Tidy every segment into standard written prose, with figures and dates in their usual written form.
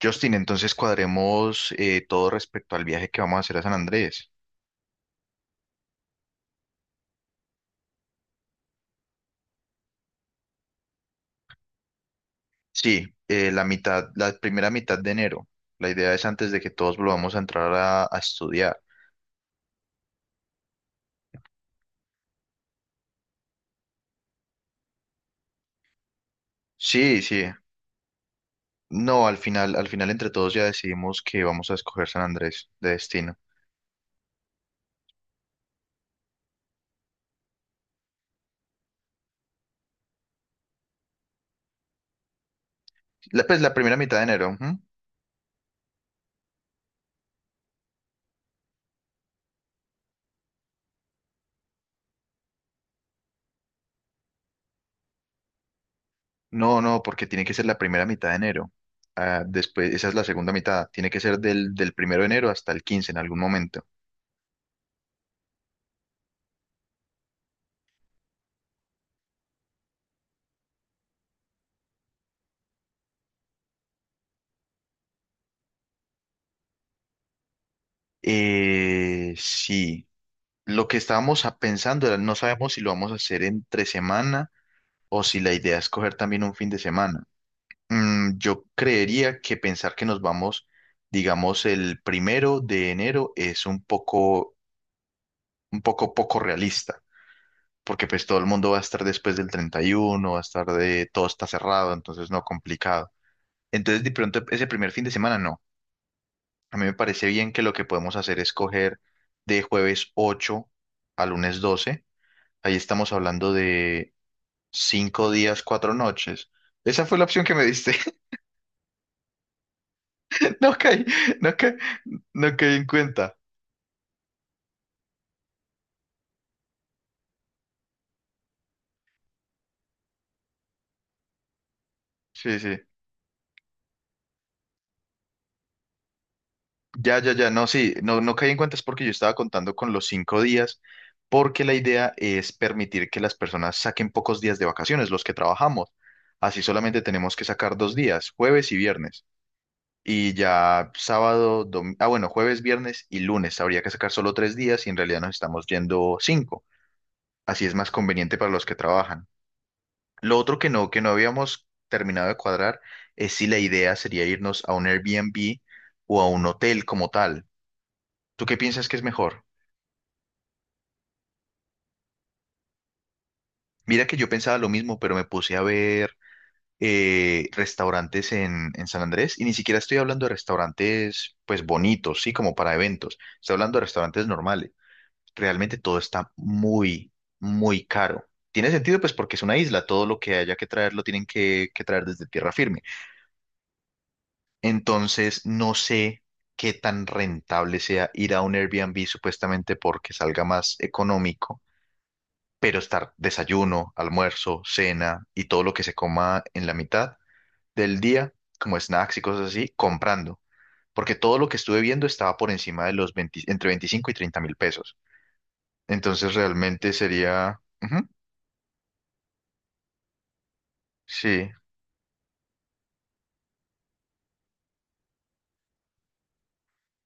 Justin, entonces cuadremos todo respecto al viaje que vamos a hacer a San Andrés. Sí, la primera mitad de enero. La idea es antes de que todos volvamos a entrar a estudiar. Sí, sí. No, al final entre todos ya decidimos que vamos a escoger San Andrés de destino. Pues la primera mitad de enero. Ujú. No, no, porque tiene que ser la primera mitad de enero. Ah, después, esa es la segunda mitad. Tiene que ser del 1 de enero hasta el 15 en algún momento. Sí. Lo que estábamos pensando era, no sabemos si lo vamos a hacer entre semana o si la idea es coger también un fin de semana. Yo creería que pensar que nos vamos, digamos, el 1 de enero es un poco poco realista, porque pues todo el mundo va a estar después del 31, va a estar de, todo está cerrado, entonces no complicado. Entonces, de pronto, ese primer fin de semana no. A mí me parece bien que lo que podemos hacer es coger de jueves 8 a lunes 12. Ahí estamos hablando de 5 días, 4 noches. Esa fue la opción que me diste. No caí, no caí, no caí en cuenta. Sí, sí. Ya, ya, ya. No, sí, no, no caí en cuenta es porque yo estaba contando con los 5 días, porque la idea es permitir que las personas saquen pocos días de vacaciones, los que trabajamos. Así solamente tenemos que sacar 2 días, jueves y viernes. Y ya sábado, ah, bueno, jueves, viernes y lunes. Habría que sacar solo 3 días y en realidad nos estamos yendo cinco. Así es más conveniente para los que trabajan. Lo otro que no habíamos terminado de cuadrar es si la idea sería irnos a un Airbnb o a un hotel como tal. ¿Tú qué piensas que es mejor? Mira que yo pensaba lo mismo, pero me puse a ver restaurantes en San Andrés y ni siquiera estoy hablando de restaurantes pues bonitos, sí, como para eventos. Estoy hablando de restaurantes normales. Realmente todo está muy, muy caro. Tiene sentido pues porque es una isla, todo lo que haya que traer lo tienen que traer desde tierra firme. Entonces, no sé qué tan rentable sea ir a un Airbnb supuestamente porque salga más económico, pero estar desayuno, almuerzo, cena y todo lo que se coma en la mitad del día, como snacks y cosas así, comprando. Porque todo lo que estuve viendo estaba por encima de los 20 entre 25 y 30 mil pesos. Entonces, realmente sería. Ujú, sí.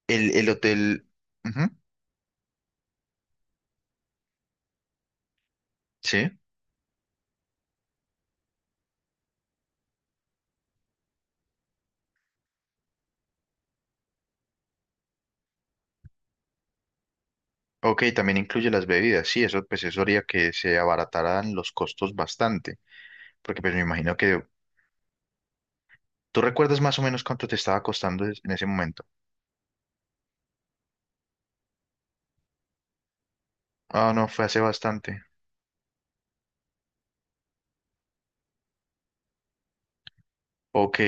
El hotel. Ujú, sí. Ok, también incluye las bebidas. Sí, eso, pues eso haría que se abarataran los costos bastante. Porque pues me imagino que tú recuerdas más o menos cuánto te estaba costando en ese momento. Ah, no, fue hace bastante. Ok,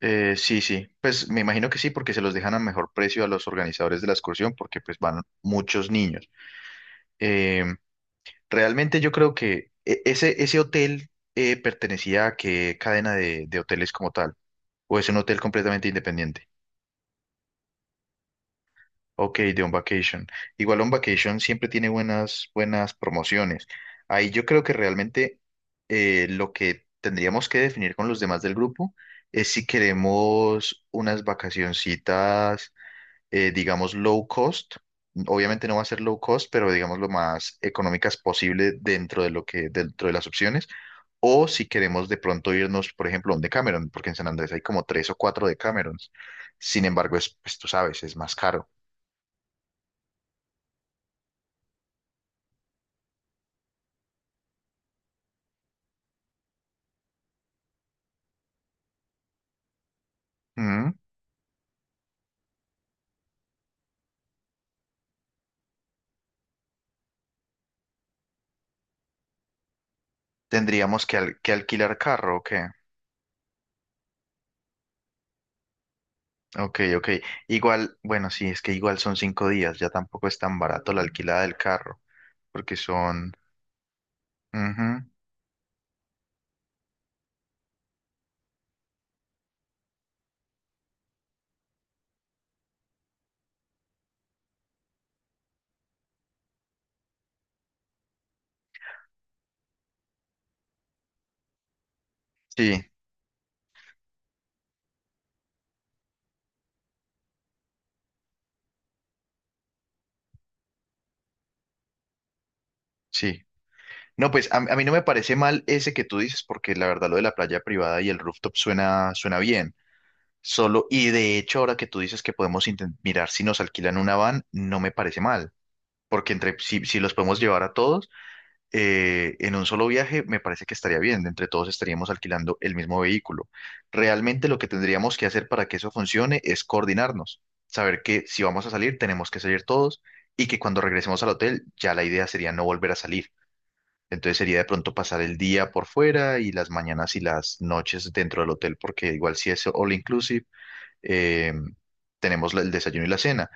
sí, sí. Pues me imagino que sí, porque se los dejan a mejor precio a los organizadores de la excursión, porque pues van muchos niños. Eh, Realmente yo creo que ese hotel pertenecía a qué cadena de hoteles como tal, o es un hotel completamente independiente. Ok, de On Vacation. Igual On Vacation siempre tiene buenas, buenas promociones. Ahí yo creo que realmente lo que tendríamos que definir con los demás del grupo es si queremos unas vacacioncitas, digamos, low cost. Obviamente no va a ser low cost, pero digamos lo más económicas posible dentro de lo que, dentro de las opciones. O si queremos de pronto irnos, por ejemplo, a un Decameron, porque en San Andrés hay como tres o cuatro Decamerons. Sin embargo, es, pues tú sabes, es más caro. Tendríamos que alquilar carro, ¿o qué? Ok, ok. Igual, bueno, sí, es que igual son 5 días, ya tampoco es tan barato la alquilada del carro, porque son. Ujú, sí, sí. No, pues a mí no me parece mal ese que tú dices, porque la verdad lo de la playa privada y el rooftop suena, suena bien. Solo, y de hecho ahora que tú dices que podemos mirar si nos alquilan una van, no me parece mal, porque entre, si, si los podemos llevar a todos en un solo viaje, me parece que estaría bien. Entre todos estaríamos alquilando el mismo vehículo. Realmente lo que tendríamos que hacer para que eso funcione es coordinarnos, saber que si vamos a salir, tenemos que salir todos y que cuando regresemos al hotel, ya la idea sería no volver a salir. Entonces sería de pronto pasar el día por fuera y las mañanas y las noches dentro del hotel, porque igual si es all inclusive, eh, tenemos el desayuno y la cena.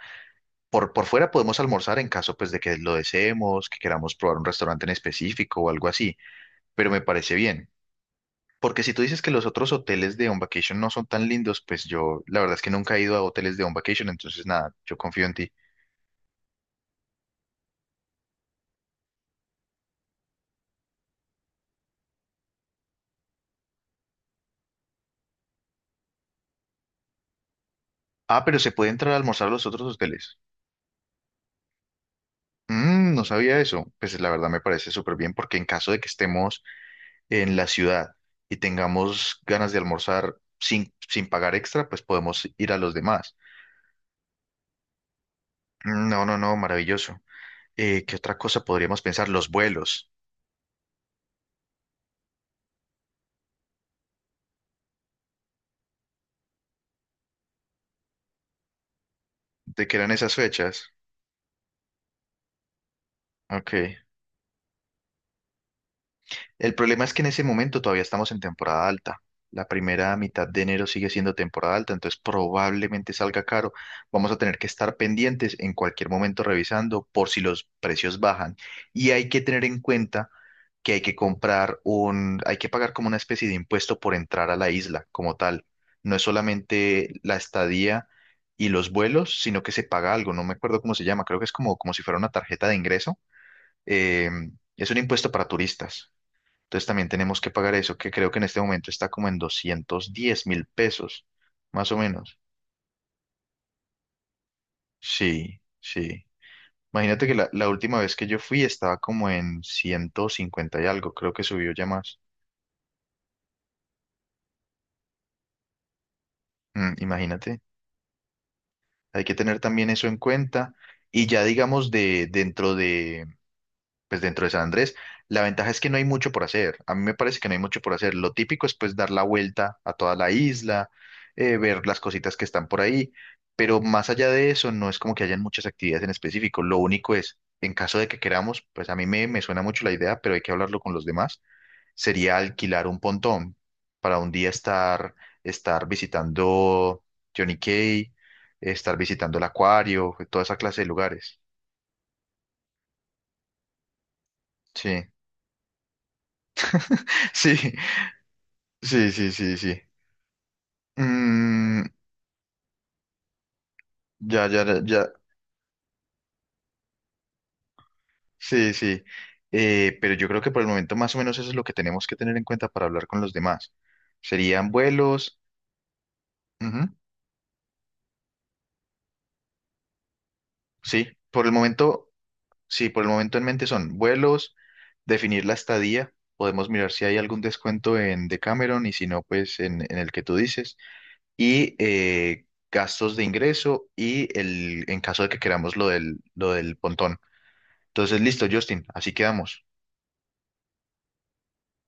Por fuera podemos almorzar en caso pues de que lo deseemos, que queramos probar un restaurante en específico o algo así, pero me parece bien. Porque si tú dices que los otros hoteles de On Vacation no son tan lindos, pues yo la verdad es que nunca he ido a hoteles de On Vacation, entonces nada, yo confío en ti. Ah, pero se puede entrar a almorzar a los otros hoteles. No sabía eso. Pues la verdad me parece súper bien porque en caso de que estemos en la ciudad y tengamos ganas de almorzar sin pagar extra, pues podemos ir a los demás. Mm, no, no, no, maravilloso. ¿Qué otra cosa podríamos pensar? Los vuelos. ¿De qué eran esas fechas? Ok. El problema es que en ese momento todavía estamos en temporada alta. La primera mitad de enero sigue siendo temporada alta, entonces probablemente salga caro. Vamos a tener que estar pendientes en cualquier momento revisando por si los precios bajan. Y hay que tener en cuenta que hay que hay que pagar como una especie de impuesto por entrar a la isla como tal. No es solamente la estadía y los vuelos, sino que se paga algo. No me acuerdo cómo se llama, creo que es como, si fuera una tarjeta de ingreso. Es un impuesto para turistas. Entonces también tenemos que pagar eso, que creo que en este momento está como en 210 mil pesos, más o menos. Sí, sí. Imagínate que la última vez que yo fui estaba como en 150 y algo, creo que subió ya más. Imagínate, hay que tener también eso en cuenta. Y ya digamos de dentro de pues dentro de San Andrés, la ventaja es que no hay mucho por hacer. A mí me parece que no hay mucho por hacer. Lo típico es pues dar la vuelta a toda la isla, ver las cositas que están por ahí, pero más allá de eso no es como que hayan muchas actividades en específico. Lo único es, en caso de que queramos, pues a mí me suena mucho la idea, pero hay que hablarlo con los demás, sería alquilar un pontón para un día estar, visitando Johnny Cay, estar visitando el acuario, toda esa clase de lugares. Sí, sí, sí, sí, sí, sí. Mm, ya, ya, ya, ya. Sí, sí. Pero yo creo que por el momento más o menos eso es lo que tenemos que tener en cuenta para hablar con los demás. Serían vuelos. Ujú, sí, por el momento, sí, por el momento en mente son vuelos, definir la estadía. Podemos mirar si hay algún descuento en Decameron y si no, pues en el que tú dices. Y gastos de ingreso y en caso de que queramos lo del pontón. Entonces, listo, Justin, así quedamos.